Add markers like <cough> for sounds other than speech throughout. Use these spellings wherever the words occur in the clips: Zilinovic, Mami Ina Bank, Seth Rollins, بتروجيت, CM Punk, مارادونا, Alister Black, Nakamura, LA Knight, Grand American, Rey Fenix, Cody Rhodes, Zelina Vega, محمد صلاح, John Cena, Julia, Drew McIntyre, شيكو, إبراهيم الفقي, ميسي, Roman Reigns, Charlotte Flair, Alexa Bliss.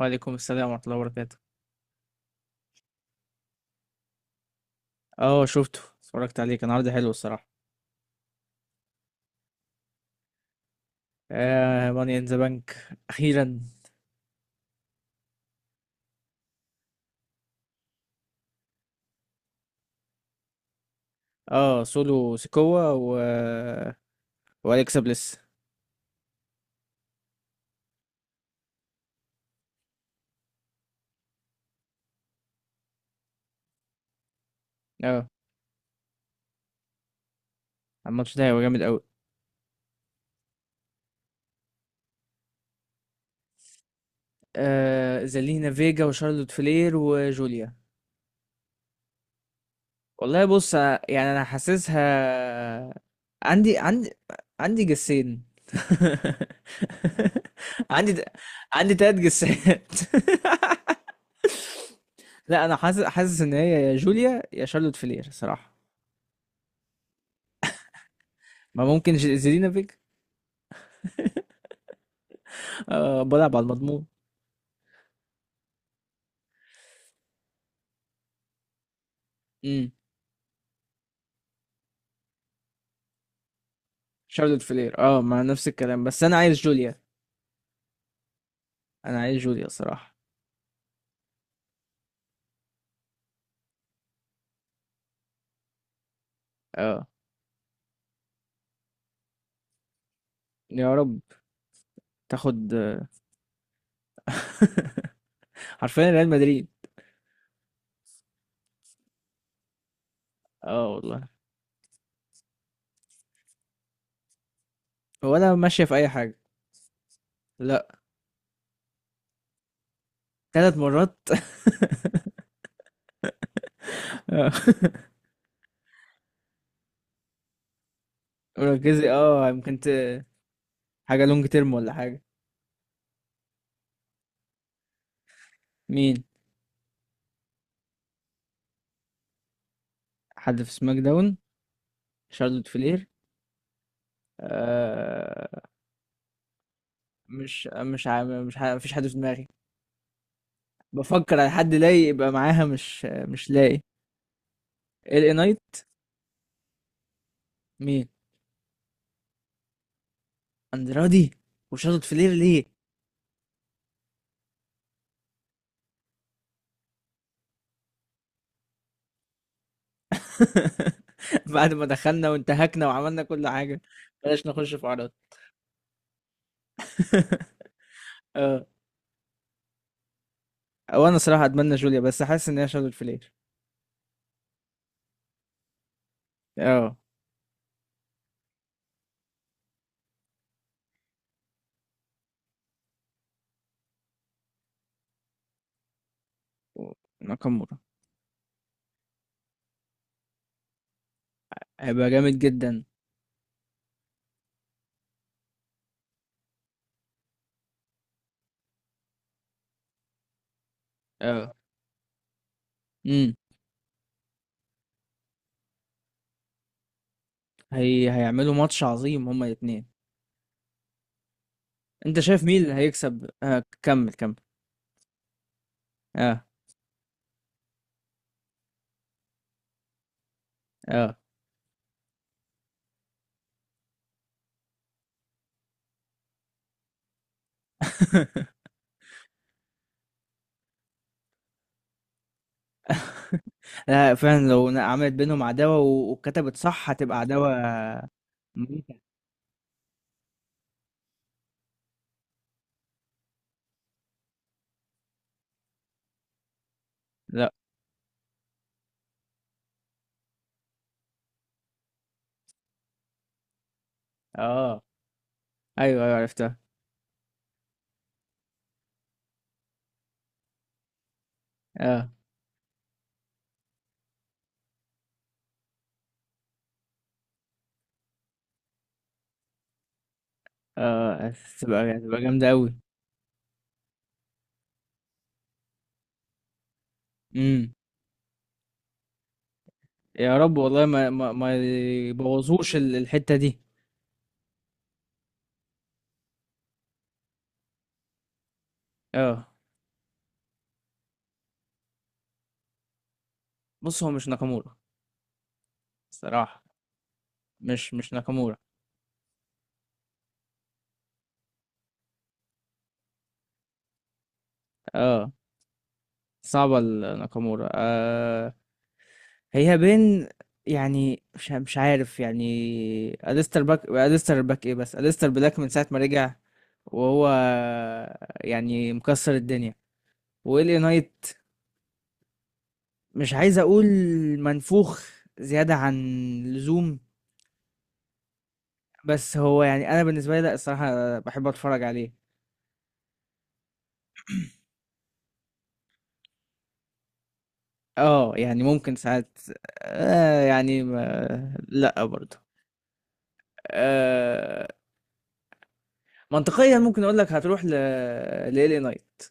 وعليكم السلام ورحمة الله وبركاته. اه شفته اتفرجت عليه، كان عرض حلو الصراحة. آه، ماني ان ذا بانك أخيرا. اه سولو سيكوا وأليكسا بليس. اه الماتش ده هيبقى جامد أوي. آه، زالينا فيجا وشارلوت فلير وجوليا. والله بص، يعني أنا حاسسها. عندي عندي جسين. <laughs> عندي عندي تلات جسات. <laughs> لا، انا حاسس ان هي يا جوليا يا شارلوت فلير صراحة. ما ممكن زيلينوفيك. آه، بلعب على المضمون. امم شارلوت فلير، اه، مع نفس الكلام، بس انا عايز جوليا. انا عايز جوليا صراحة. اه، يا رب تاخد. <laughs> حرفيا ريال مدريد. اه والله. ولا ماشية في اي حاجة. لا، ثلاث مرات. <laughs> آه. ركزي، اه، حاجة لونج تيرم ولا حاجة. مين؟ حد في سماك داون، شارلوت فلير. آه، مش مش عا- مش عا- مفيش حد في دماغي. بفكر على حد لاقي يبقى معاها، مش لاقي. ال اي نايت. مين؟ اندرادي وشارلوت فلير، ليه؟ <laughs> بعد ما دخلنا وانتهكنا وعملنا كل حاجه، بلاش نخش في عرض. <laughs> اه. وانا صراحه اتمنى جوليا، بس حاسس ان هي شارلوت فلير. اه و- ناكامورا. هيبقى جامد جدا. اه. امم هيعملوا ماتش عظيم هما الاثنين. انت شايف مين اللي هيكسب؟ آه، كمل. اه. اه. <laughs> لا، فعلا لو عملت بينهم عداوه وكتبت صح هتبقى عداوه مميتة. لا. اه. أيوه، أيوه عرفتها. آه. آه، هتبقى جامدة أوي. إمم. يا رب، والله ما يبوظوش الحتّة دي. آه. بُص، هو مش ناكامورا الصراحة. مش ناكامورا. آه، صعبة ال ناكامورا. هي بين، يعني مش عارف يعني. أليستر باك أليستر باك إيه بس، أليستر بلاك من ساعة ما رجع، وهو يعني مكسّر الدنيا. وLA Knight، مش عايز اقول منفوخ زيادة عن اللزوم، بس هو يعني انا بالنسبة لي لا، الصراحة بحب اتفرج عليه. اه، يعني ممكن ساعات. آه يعني، ما لا برضه. آه. منطقيا ممكن اقول لك هتروح لالي نايت،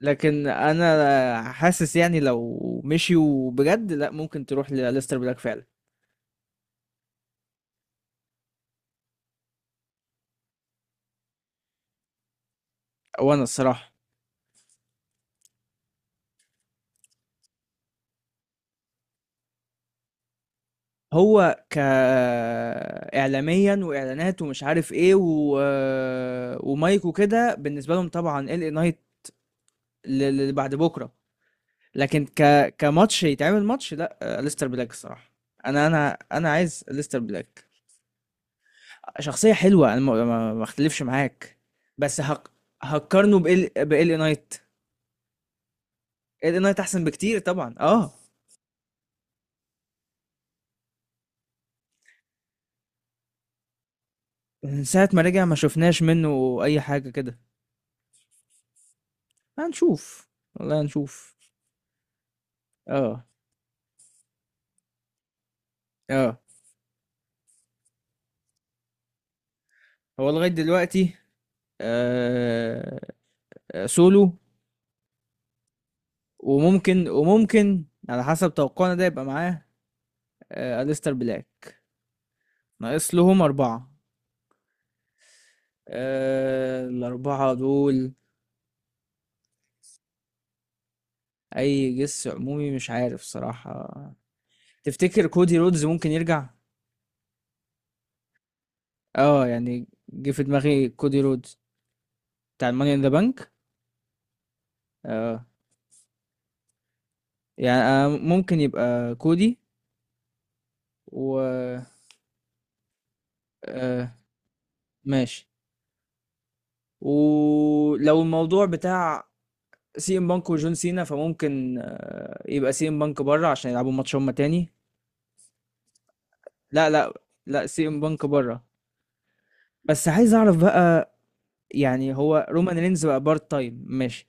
لكن انا حاسس يعني لو مشيوا بجد لا، ممكن تروح لاليستر بلاك فعلا. وانا الصراحة. هو ك اعلاميا واعلانات ومش عارف ايه ومايك وكده، بالنسبه لهم طبعا ال نايت اللي بعد بكره. لكن ك كماتش يتعمل ماتش، لا ليستر بلاك الصراحه. انا عايز ليستر بلاك. شخصيه حلوه، انا ما اختلفش معاك. بس هق... هقارنه بال نايت. ال نايت احسن بكتير طبعا، اه. من ساعه ما رجع ما شفناش منه اي حاجه كده. هنشوف، والله هنشوف. اه. اه. هو لغاية دلوقتي، آه، آه، سولو. وممكن، وممكن على حسب توقعنا ده يبقى معاه، آه، أليستر بلاك. ناقص لهم أربعة، آه، الأربعة دول. أي جس عمومي؟ مش عارف صراحة. تفتكر كودي رودز ممكن يرجع؟ اه، يعني جه في دماغي كودي رودز بتاع الماني ان ذا بانك. اه، يعني آه ممكن يبقى كودي. و آه، ماشي. ولو الموضوع بتاع سي ام بانك وجون سينا، فممكن آه يبقى سي ام بانك بره عشان يلعبوا ماتش هما تاني. لا لا لا، سي ام بانك بره. بس عايز اعرف بقى، يعني هو رومان رينز بقى بارت تايم ماشي،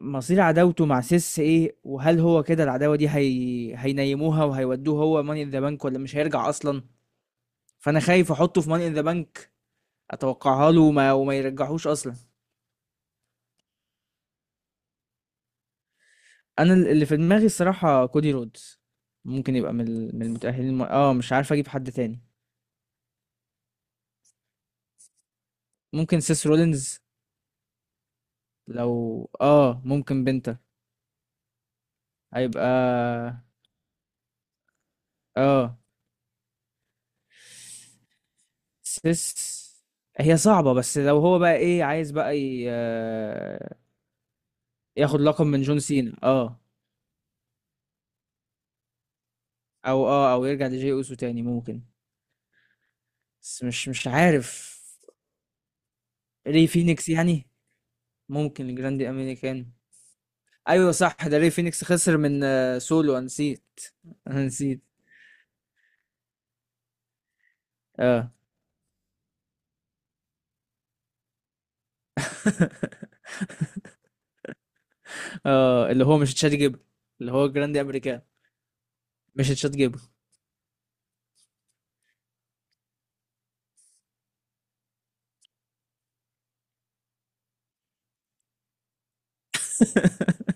مصير عداوته مع سيس ايه، وهل هو كده العداوة دي هينيموها وهيودوه هو ماني ان ذا بانك ولا مش هيرجع اصلا؟ فانا خايف احطه في ماني ان ذا بانك، اتوقعها له وما يرجعهوش اصلا. انا اللي في دماغي الصراحة كودي رودز. ممكن يبقى من من المتأهلين، مش عارف اجيب حد تاني. ممكن سيس رولينز. لو اه، ممكن بنتا. هيبقى اه. سيس، هي صعبة، بس لو هو بقى ايه عايز بقى آه، ياخد لقب من جون سينا، اه. او اه، او يرجع لجي اوسو تاني ممكن. بس مش عارف. ري فينيكس يعني. ممكن الجراندي امريكان. ايوه صح، ده ري فينيكس خسر من آه سولو، أنا نسيت. انا نسيت. اه. <laughs> اه، اللي هو مش تشات جيبر. اللي هو جراندي امريكان، مش تشات جيبر. <laughs>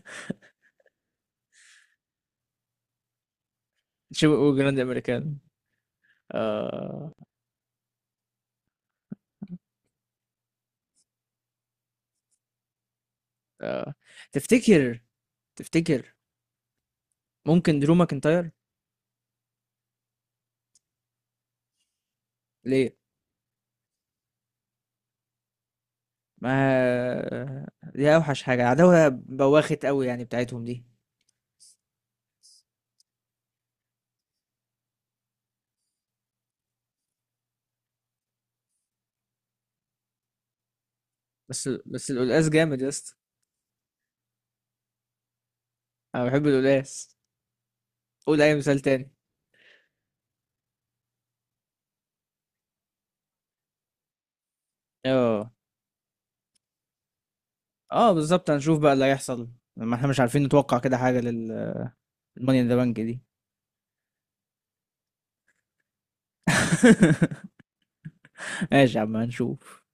شو جراند امريكان. آه. آه. تفتكر، تفتكر ممكن درو ماكنتاير؟ ليه؟ ما دي اوحش حاجه، عداوه بواخت قوي يعني بتاعتهم دي. بس القلقاس جامد يا اسطى، انا بحب القلقاس. قول اي مثال تاني. اه. اه بالظبط، هنشوف بقى اللي هيحصل. ما احنا مش عارفين نتوقع كده حاجه للماني ان ذا بانك دي. <laughs> ماشي يا عم، هنشوف.